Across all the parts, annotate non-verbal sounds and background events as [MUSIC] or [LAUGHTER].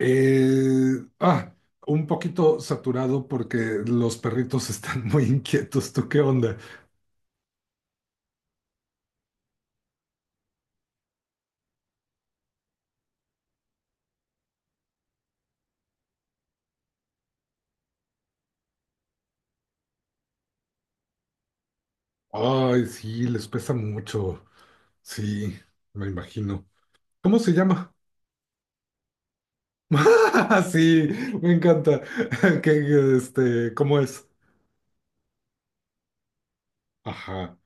Eh, ah, un poquito saturado porque los perritos [LAUGHS] están muy inquietos. ¿Tú qué onda? Ay, sí, les pesa mucho. Sí, me imagino. ¿Cómo se llama? [LAUGHS] Sí, me encanta. [LAUGHS] Que, ¿cómo es? Ajá,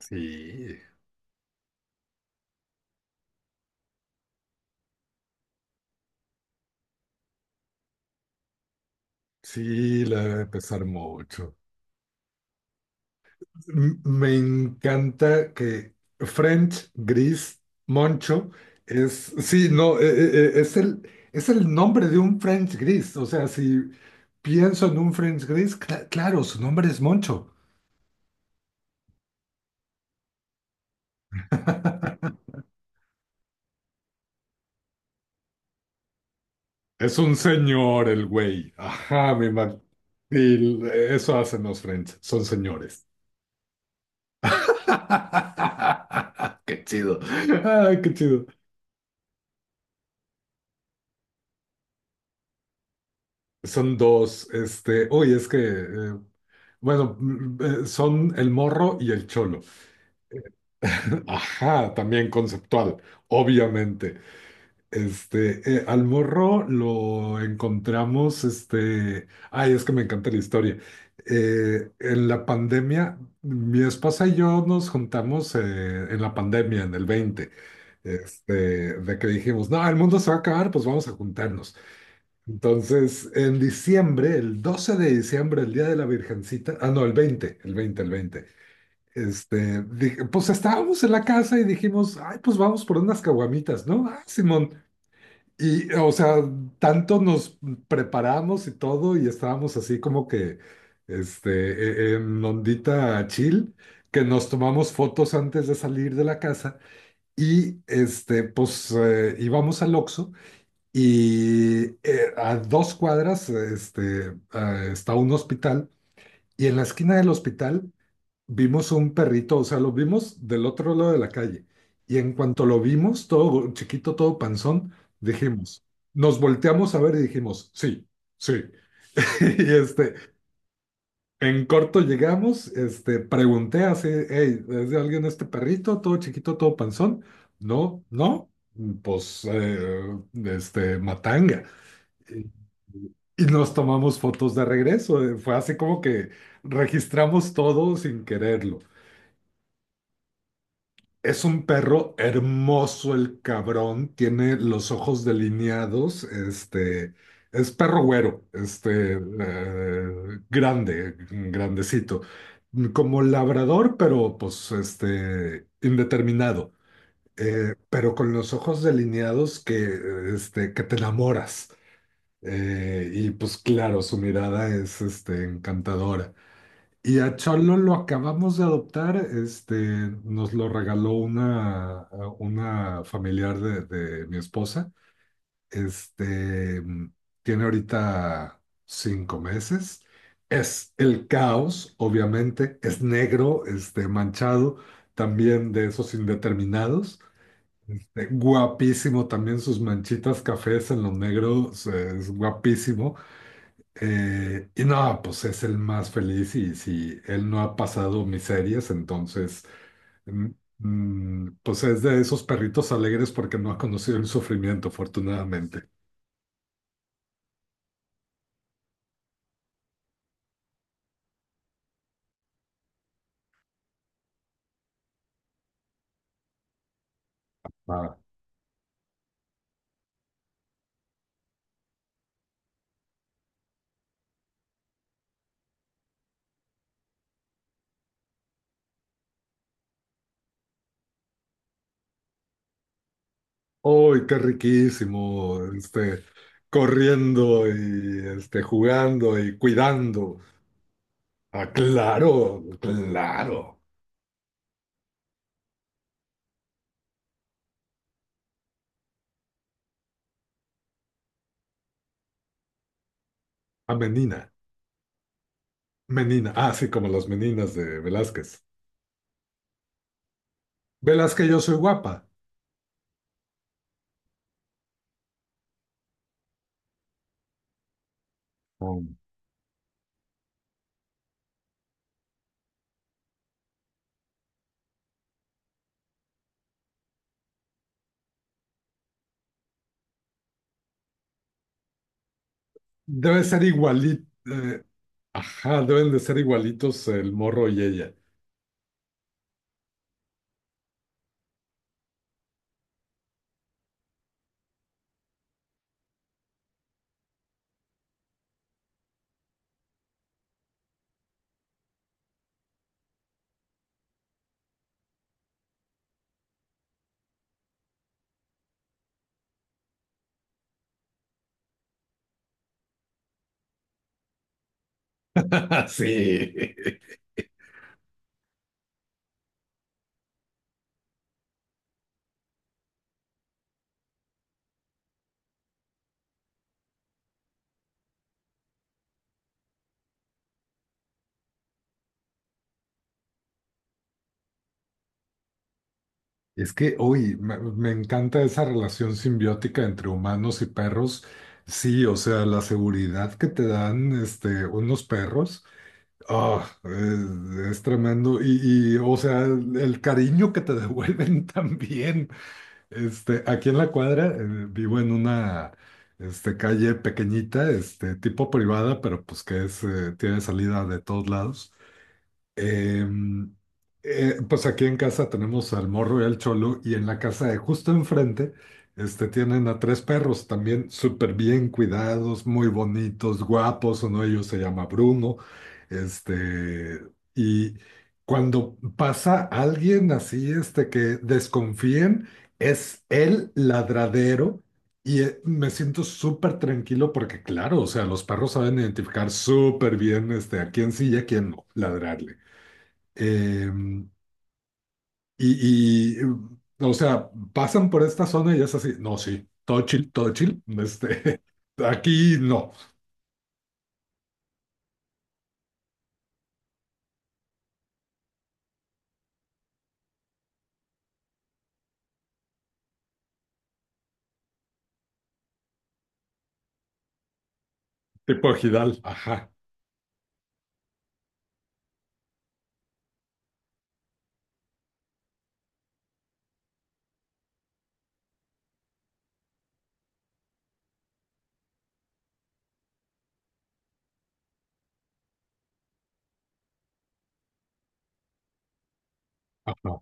sí, sí, le debe pesar mucho. Me encanta que French, Gris, Moncho es, sí, no, es el nombre de un French Gris. O sea, si pienso en un French Gris, claro, su nombre es Moncho. [LAUGHS] Es un señor el güey. Ajá, mi man. Y eso hacen los French, son señores. [LAUGHS] Qué chido. Ay, qué chido. Son dos, uy, es que bueno, son el morro y el cholo. [LAUGHS] Ajá, también conceptual, obviamente. Al morro lo encontramos. Ay, es que me encanta la historia. En la pandemia, mi esposa y yo nos juntamos, en el 20. este, de que dijimos, no, el mundo se va a acabar, pues vamos a juntarnos. Entonces, en diciembre, el 12 de diciembre, el día de la Virgencita, no, el 20, el 20, el 20. Dije, pues estábamos en la casa y dijimos, ay, pues vamos por unas caguamitas, ¿no? Simón. Y, o sea, tanto nos preparamos y todo, y estábamos así como que, en ondita chill, que nos tomamos fotos antes de salir de la casa, y, pues, íbamos al Oxxo, y, a 2 cuadras, está un hospital, y en la esquina del hospital vimos un perrito. O sea, lo vimos del otro lado de la calle. Y en cuanto lo vimos, todo chiquito, todo panzón, dijimos, nos volteamos a ver y dijimos, sí, sí. [LAUGHS] Y, en corto llegamos. Pregunté así, hey, ¿es de alguien este perrito? Todo chiquito, todo panzón. No, no, pues, matanga. Y y nos tomamos fotos de regreso. Fue así como que registramos todo sin quererlo. Es un perro hermoso el cabrón, tiene los ojos delineados. Es perro güero, grande, grandecito, como labrador, pero pues, indeterminado. Pero con los ojos delineados que, que te enamoras. Y pues claro, su mirada es, encantadora. Y a Cholo lo acabamos de adoptar. Nos lo regaló una familiar de mi esposa. Este, Tiene ahorita 5 meses. Es el caos, obviamente. Es negro, manchado, también de esos indeterminados. Guapísimo también sus manchitas cafés en lo negro. O sea, es guapísimo. Y no, pues es el más feliz, y si él no ha pasado miserias, entonces, mm, pues es de esos perritos alegres porque no ha conocido el sufrimiento, afortunadamente. Ah, ¡Uy, qué riquísimo! Corriendo y, jugando y cuidando. Claro, claro. A Menina. Menina, sí, como las meninas de Velázquez. Velázquez, yo soy guapa. Oh. Debe ser igualito. Ajá, deben de ser igualitos el morro y ella. [LAUGHS] Sí. Es que, uy, me encanta esa relación simbiótica entre humanos y perros. Sí, o sea, la seguridad que te dan, unos perros, es tremendo. Y, o sea, el cariño que te devuelven [LAUGHS] también. Aquí en la cuadra, vivo en una, calle pequeñita, tipo privada, pero pues que es, tiene salida de todos lados. Eh, pues aquí en casa tenemos al Morro y al Cholo, y en la casa de justo enfrente, tienen a tres perros también súper bien cuidados, muy bonitos, guapos. Uno de ellos se llama Bruno. Este, y cuando pasa alguien así, que desconfíen, es el ladradero. Y, me siento súper tranquilo porque, claro, o sea, los perros saben identificar súper bien, a quién sí y a quién no ladrarle. Eh, y, o sea, pasan por esta zona y es así, no, sí, todo chill, [LAUGHS] aquí no, tipo Gidal, ajá, ajá.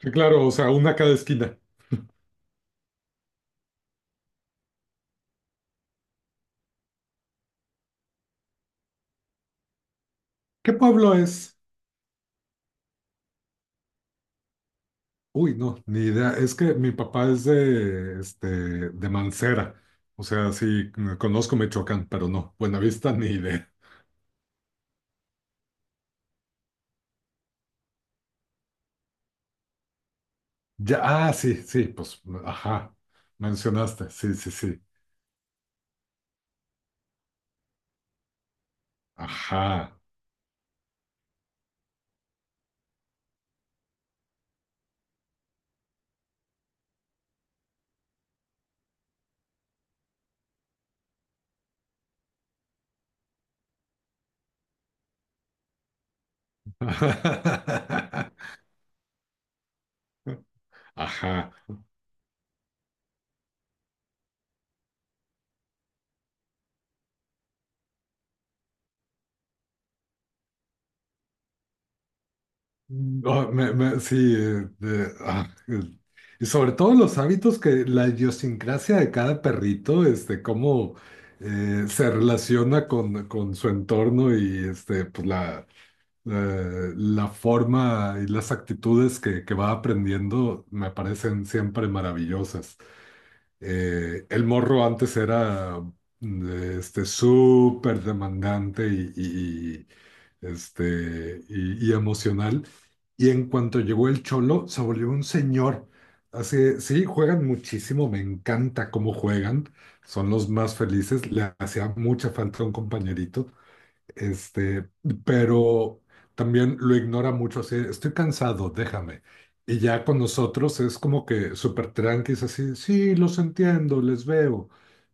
Sí, claro, o sea, una a cada esquina. ¿Qué pueblo es? Uy, no, ni idea, es que mi papá es de Mancera. O sea, sí, conozco Michoacán, pero no, Buenavista, [LAUGHS] ni idea. Ya, sí, sí, pues, ajá, mencionaste, sí, sí, sí, ajá. [LAUGHS] Ajá. No, sí, y sobre todo los hábitos que la idiosincrasia de cada perrito, cómo, se relaciona con su entorno, y, pues la forma y las actitudes que va aprendiendo me parecen siempre maravillosas. El morro antes era, mm, súper demandante y emocional. Y en cuanto llegó el Cholo, se volvió un señor. Así, sí, juegan muchísimo, me encanta cómo juegan, son los más felices, le hacía mucha falta un compañerito. este, pero también lo ignora mucho, así, estoy cansado, déjame. Y ya con nosotros es como que súper tranquis, así, sí, los entiendo, les veo.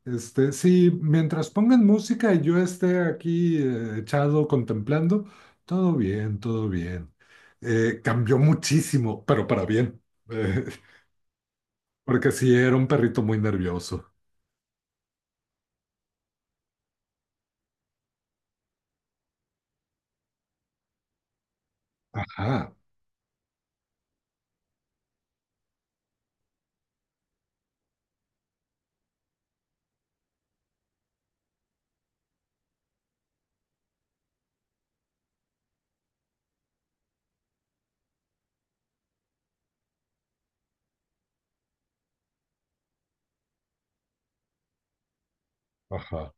Sí, mientras pongan música y yo esté aquí, echado contemplando, todo bien, todo bien. Cambió muchísimo, pero para bien, eh, [LAUGHS] porque sí era un perrito muy nervioso. Ajá, ajá,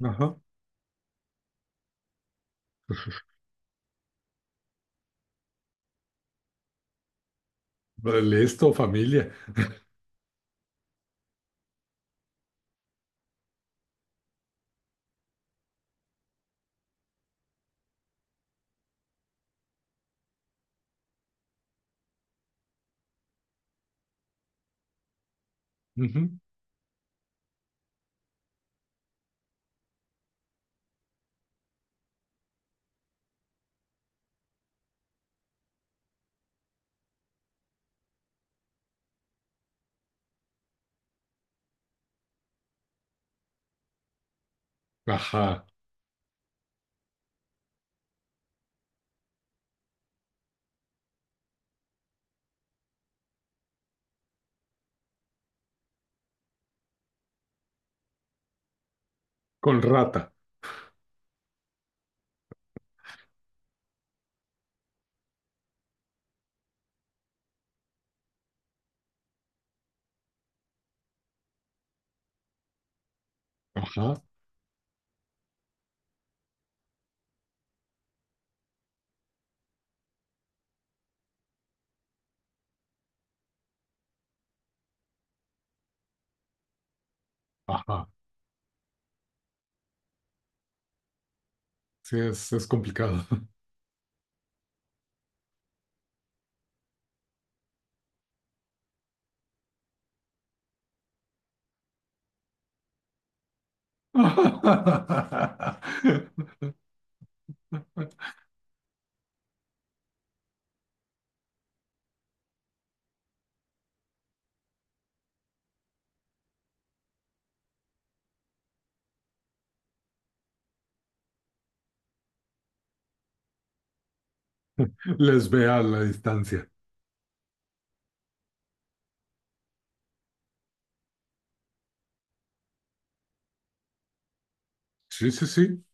ajá. Listo, familia. Ujú, ajá. Con rata. Ajá, ajá. Sí, es complicado. [LAUGHS] Les ve a la distancia. Sí, sí, sí.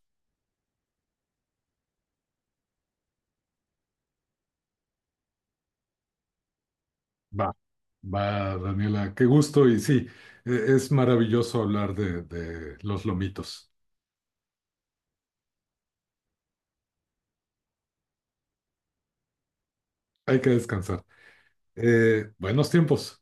Va, va, Daniela. Qué gusto y sí, es maravilloso hablar de los lomitos. Hay que descansar. Buenos tiempos.